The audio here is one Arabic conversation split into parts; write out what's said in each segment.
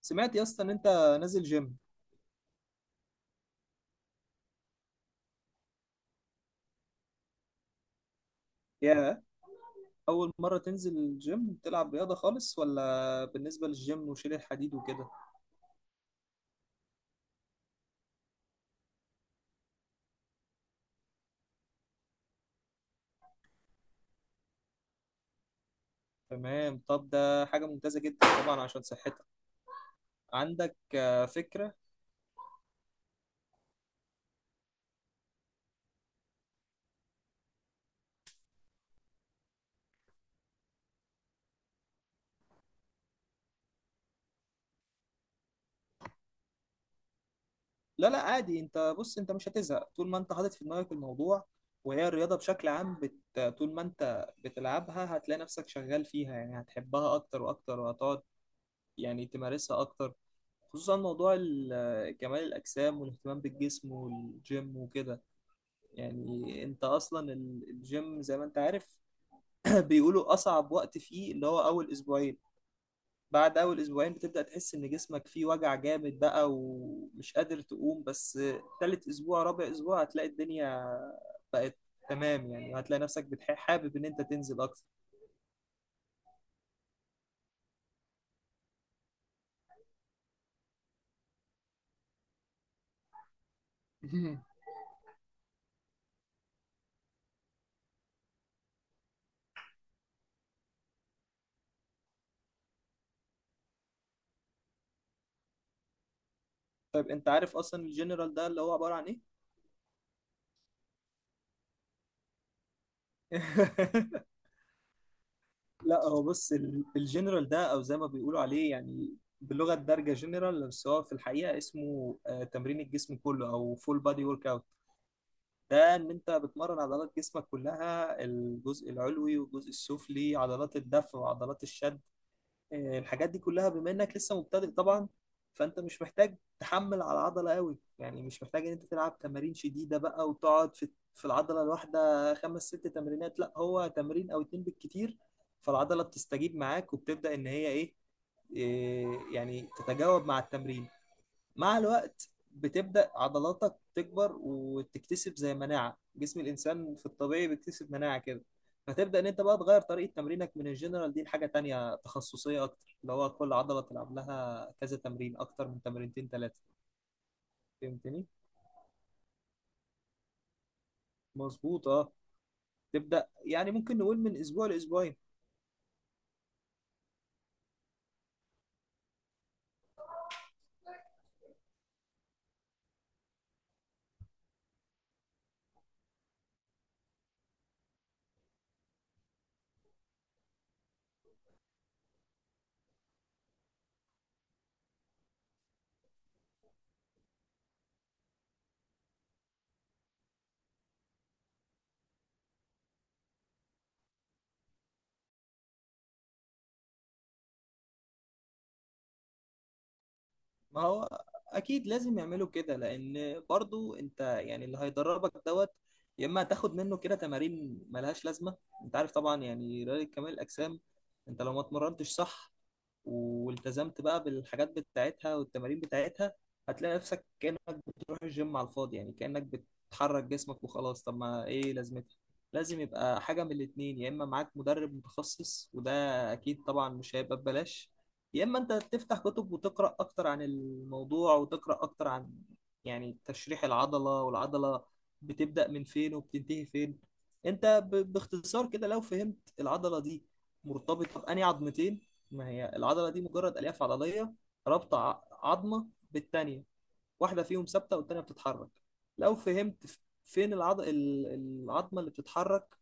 سمعت يا اسطى ان انت نازل جيم. يا اول مره تنزل الجيم تلعب رياضه خالص ولا بالنسبه للجيم وشيل الحديد وكده؟ تمام، طب ده حاجه ممتازه جدا طبعا عشان صحتك. عندك فكره؟ لا عادي، انت بص، انت مش هتزهق طول ما انت حاطط في دماغك الموضوع، وهي الرياضه بشكل عام طول ما انت بتلعبها هتلاقي نفسك شغال فيها، يعني هتحبها اكتر واكتر وهتقعد يعني تمارسها اكتر. خصوصا موضوع كمال الاجسام والاهتمام بالجسم والجيم وكده. يعني انت اصلا الجيم زي ما انت عارف بيقولوا اصعب وقت فيه اللي هو اول اسبوعين. بعد اول اسبوعين بتبدأ تحس ان جسمك فيه وجع جامد بقى ومش قادر تقوم، بس تالت اسبوع رابع اسبوع هتلاقي الدنيا بقت تمام يعني، وهتلاقي نفسك حابب ان انت تنزل اكتر. طيب انت عارف اصلا الجنرال ده اللي هو عبارة عن ايه؟ لا هو بص، الجنرال ده او زي ما بيقولوا عليه يعني باللغه الدارجه جنرال، بس هو في الحقيقه اسمه تمرين الجسم كله او فول بادي ورك اوت. ده ان انت بتمرن عضلات جسمك كلها، الجزء العلوي والجزء السفلي، عضلات الدفع وعضلات الشد الحاجات دي كلها. بما انك لسه مبتدئ طبعا، فانت مش محتاج تحمل على العضله قوي، يعني مش محتاج ان انت تلعب تمارين شديده بقى وتقعد في العضله الواحده خمس ست تمرينات، لا هو تمرين او اتنين بالكتير، فالعضله بتستجيب معاك وبتبدا ان هي ايه، يعني تتجاوب مع التمرين مع الوقت. بتبدأ عضلاتك تكبر وتكتسب زي مناعة جسم الإنسان في الطبيعي بيكتسب مناعة كده، فتبدأ إن أنت بقى تغير طريقة تمرينك من الجنرال دي لحاجة تانية تخصصية أكتر، اللي هو كل عضلة تلعب لها كذا تمرين، أكتر من تمرينتين تلاتة. فهمتني؟ مظبوط أه. تبدأ يعني ممكن نقول من أسبوع لأسبوعين. ما هو اكيد لازم يعملوا كده، لان برضو انت يعني اللي هيدربك دوت، يا اما هتاخد منه كده تمارين ملهاش لازمه. انت عارف طبعا يعني رياضه كمال الاجسام، انت لو ما اتمرنتش صح والتزمت بقى بالحاجات بتاعتها والتمارين بتاعتها، هتلاقي نفسك كأنك بتروح الجيم على الفاضي، يعني كأنك بتحرك جسمك وخلاص، طب ما ايه لازمتها؟ لازم يبقى حاجة من الاتنين، يا اما معاك مدرب متخصص وده اكيد طبعا مش هيبقى ببلاش، يا اما انت تفتح كتب وتقرأ اكتر عن الموضوع، وتقرأ اكتر عن يعني تشريح العضلة، والعضلة بتبدأ من فين وبتنتهي فين. انت باختصار كده لو فهمت العضلة دي مرتبطة بأنهي عظمتين، ما هي العضلة دي مجرد ألياف عضلية رابطة عظمة بالتانية، واحدة فيهم ثابتة والتانية بتتحرك. لو فهمت فين العظمة اللي بتتحرك،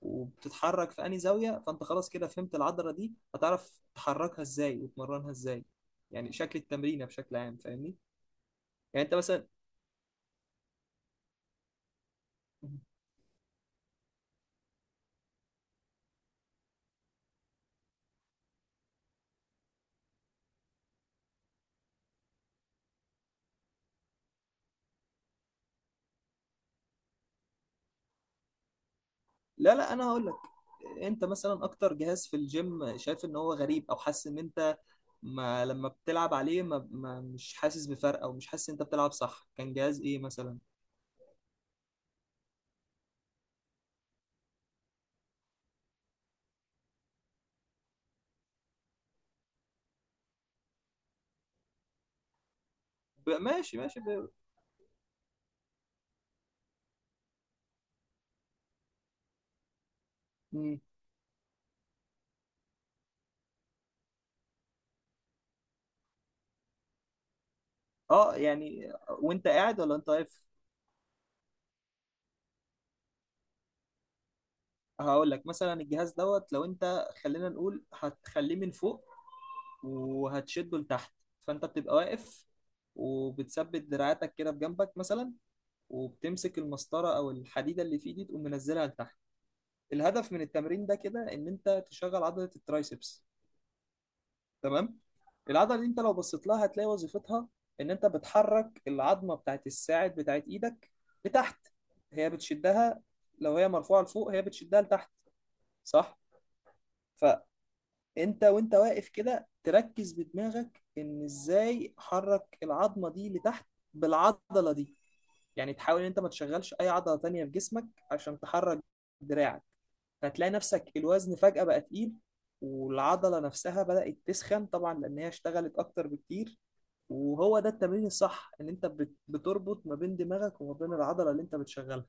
وبتتحرك في أنهي زاوية، فأنت خلاص كده فهمت العضلة دي، هتعرف تحركها إزاي وتمرنها إزاي، يعني شكل التمرينة بشكل عام، فاهمني؟ يعني أنت مثلا. لا انا هقول لك. انت مثلا اكتر جهاز في الجيم شايف ان هو غريب او حاسس ان انت ما لما بتلعب عليه ما مش حاسس بفرق او مش حاسس ان انت بتلعب صح، كان جهاز ايه مثلا؟ ماشي ماشي مم، اه يعني وانت قاعد ولا انت واقف؟ هقول لك مثلا الجهاز دوت، لو انت خلينا نقول هتخليه من فوق وهتشده لتحت، فانت بتبقى واقف وبتثبت دراعاتك كده بجنبك مثلا، وبتمسك المسطرة او الحديدة اللي في ايدي تقوم منزلها لتحت. الهدف من التمرين ده كده ان انت تشغل عضله الترايسبس، تمام؟ العضله دي انت لو بصيت لها هتلاقي وظيفتها ان انت بتحرك العظمه بتاعت الساعد بتاعت ايدك لتحت، هي بتشدها. لو هي مرفوعه لفوق هي بتشدها لتحت، صح؟ فانت وانت واقف كده تركز بدماغك ان ازاي حرك العظمه دي لتحت بالعضله دي. يعني تحاول ان انت ما تشغلش اي عضلة تانية في جسمك عشان تحرك دراعك، فتلاقي نفسك الوزن فجأة بقى تقيل، والعضلة نفسها بدأت تسخن طبعا لأن هي اشتغلت أكتر بكتير، وهو ده التمرين الصح، إن أنت بتربط ما بين دماغك وما بين العضلة اللي أنت بتشغلها.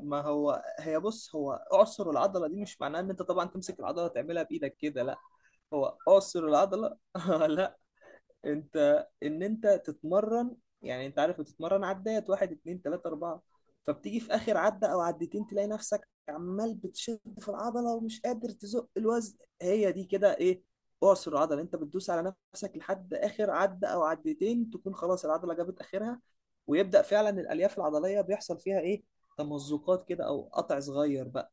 ما هو هي بص، هو أعصر العضلة دي مش معناه إن أنت طبعا تمسك العضلة تعملها بإيدك كده، لا. هو أعصر العضلة لا انت ان انت تتمرن، يعني انت عارف بتتمرن عدات واحد اتنين تلاتة اربعة، فبتيجي في اخر عدة او عدتين تلاقي نفسك عمال بتشد في العضلة ومش قادر تزق الوزن، هي دي كده ايه اعصر العضلة. انت بتدوس على نفسك لحد اخر عدة او عدتين تكون خلاص العضلة جابت اخرها، ويبدأ فعلا الالياف العضلية بيحصل فيها ايه، تمزقات كده او قطع صغير بقى.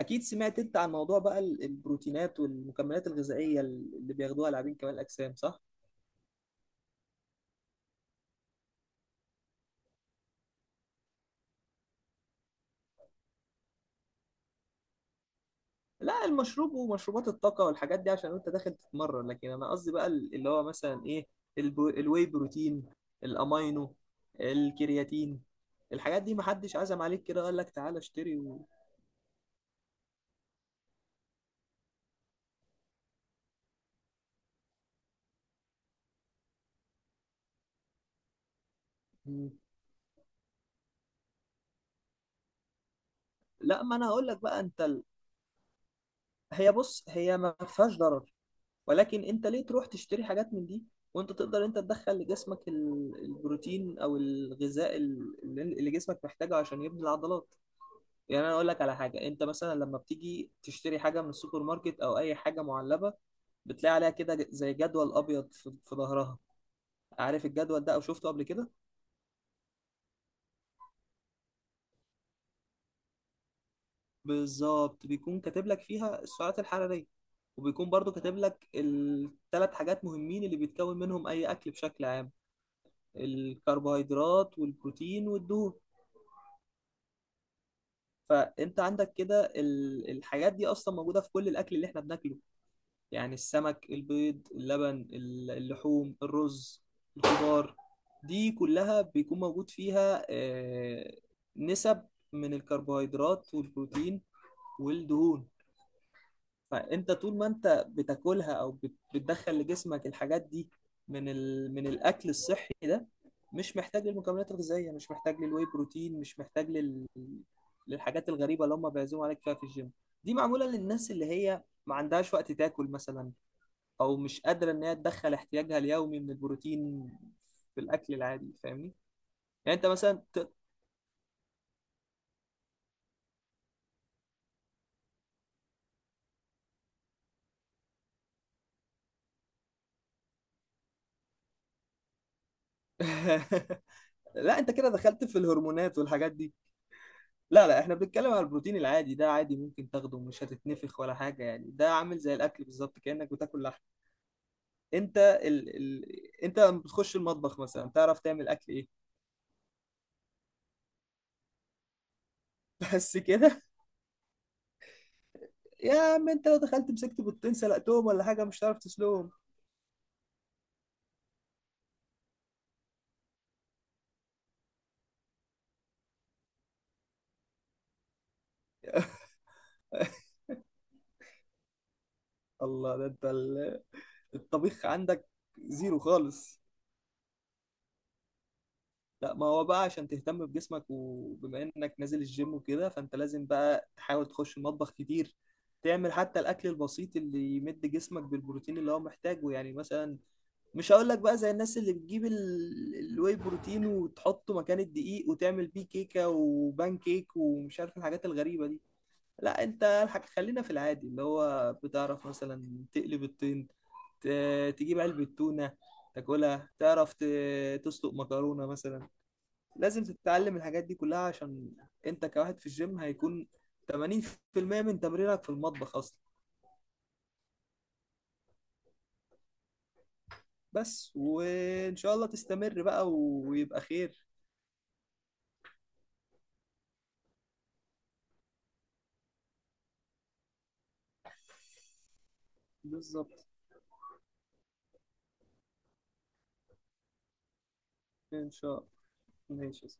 اكيد سمعت انت عن موضوع بقى البروتينات والمكملات الغذائية اللي بياخدوها لاعبين كمال الاجسام، صح؟ لا المشروب ومشروبات الطاقة والحاجات دي عشان انت داخل تتمرن، لكن انا قصدي بقى اللي هو مثلا ايه، الواي بروتين، الامينو، الكرياتين، الحاجات دي محدش عزم عليك كده قال لك تعالى اشتري و... مم. لا ما انا هقول لك بقى انت هي بص هي ما فيهاش ضرر، ولكن انت ليه تروح تشتري حاجات من دي وانت تقدر انت تدخل لجسمك البروتين او الغذاء اللي اللي جسمك محتاجه عشان يبني العضلات. يعني انا اقول لك على حاجه، انت مثلا لما بتيجي تشتري حاجه من السوبر ماركت او اي حاجه معلبه، بتلاقي عليها كده زي جدول ابيض في ظهرها، عارف الجدول ده او شفته قبل كده؟ بالظبط، بيكون كاتب لك فيها السعرات الحراريه، وبيكون برضو كاتب لك الثلاث حاجات مهمين اللي بيتكون منهم اي اكل بشكل عام، الكربوهيدرات والبروتين والدهون. فانت عندك كده الحاجات دي اصلا موجوده في كل الاكل اللي احنا بناكله، يعني السمك البيض اللبن اللحوم الرز الخضار، دي كلها بيكون موجود فيها نسب من الكربوهيدرات والبروتين والدهون. فانت طول ما انت بتاكلها او بتدخل لجسمك الحاجات دي من من الاكل الصحي ده، مش محتاج للمكملات الغذائيه، مش محتاج للواي بروتين، مش محتاج للحاجات الغريبه اللي هم بيعزموا عليك فيها في الجيم. دي معموله للناس اللي هي ما عندهاش وقت تاكل مثلا، او مش قادره ان هي تدخل احتياجها اليومي من البروتين في الاكل العادي، فاهمني؟ يعني انت مثلا لا انت كده دخلت في الهرمونات والحاجات دي. لا احنا بنتكلم على البروتين العادي ده، عادي ممكن تاخده مش هتتنفخ ولا حاجه، يعني ده عامل زي الاكل بالظبط كانك بتاكل لحم. انت انت لما بتخش المطبخ مثلا تعرف تعمل اكل ايه؟ بس كده؟ يا عم انت لو دخلت مسكت بيضتين سلقتهم ولا حاجه مش هتعرف تسلقهم. الله، ده انت الطبيخ عندك زيرو خالص. لا ما هو بقى عشان تهتم بجسمك وبما انك نازل الجيم وكده، فانت لازم بقى تحاول تخش المطبخ كتير، تعمل حتى الاكل البسيط اللي يمد جسمك بالبروتين اللي هو محتاجه، يعني مثلا مش هقول لك بقى زي الناس اللي بتجيب الواي بروتين وتحطه مكان الدقيق وتعمل بيه كيكة وبان كيك ومش عارف الحاجات الغريبة دي، لا انت الحاج خلينا في العادي، اللي هو بتعرف مثلا تقلب الطين، تجيب علبة تونة تاكلها، تعرف تسلق مكرونة مثلا. لازم تتعلم الحاجات دي كلها، عشان انت كواحد في الجيم هيكون 80% من تمرينك في المطبخ اصلا. بس وان شاء الله تستمر بقى ويبقى خير. بالظبط، ان شاء الله. ماشي.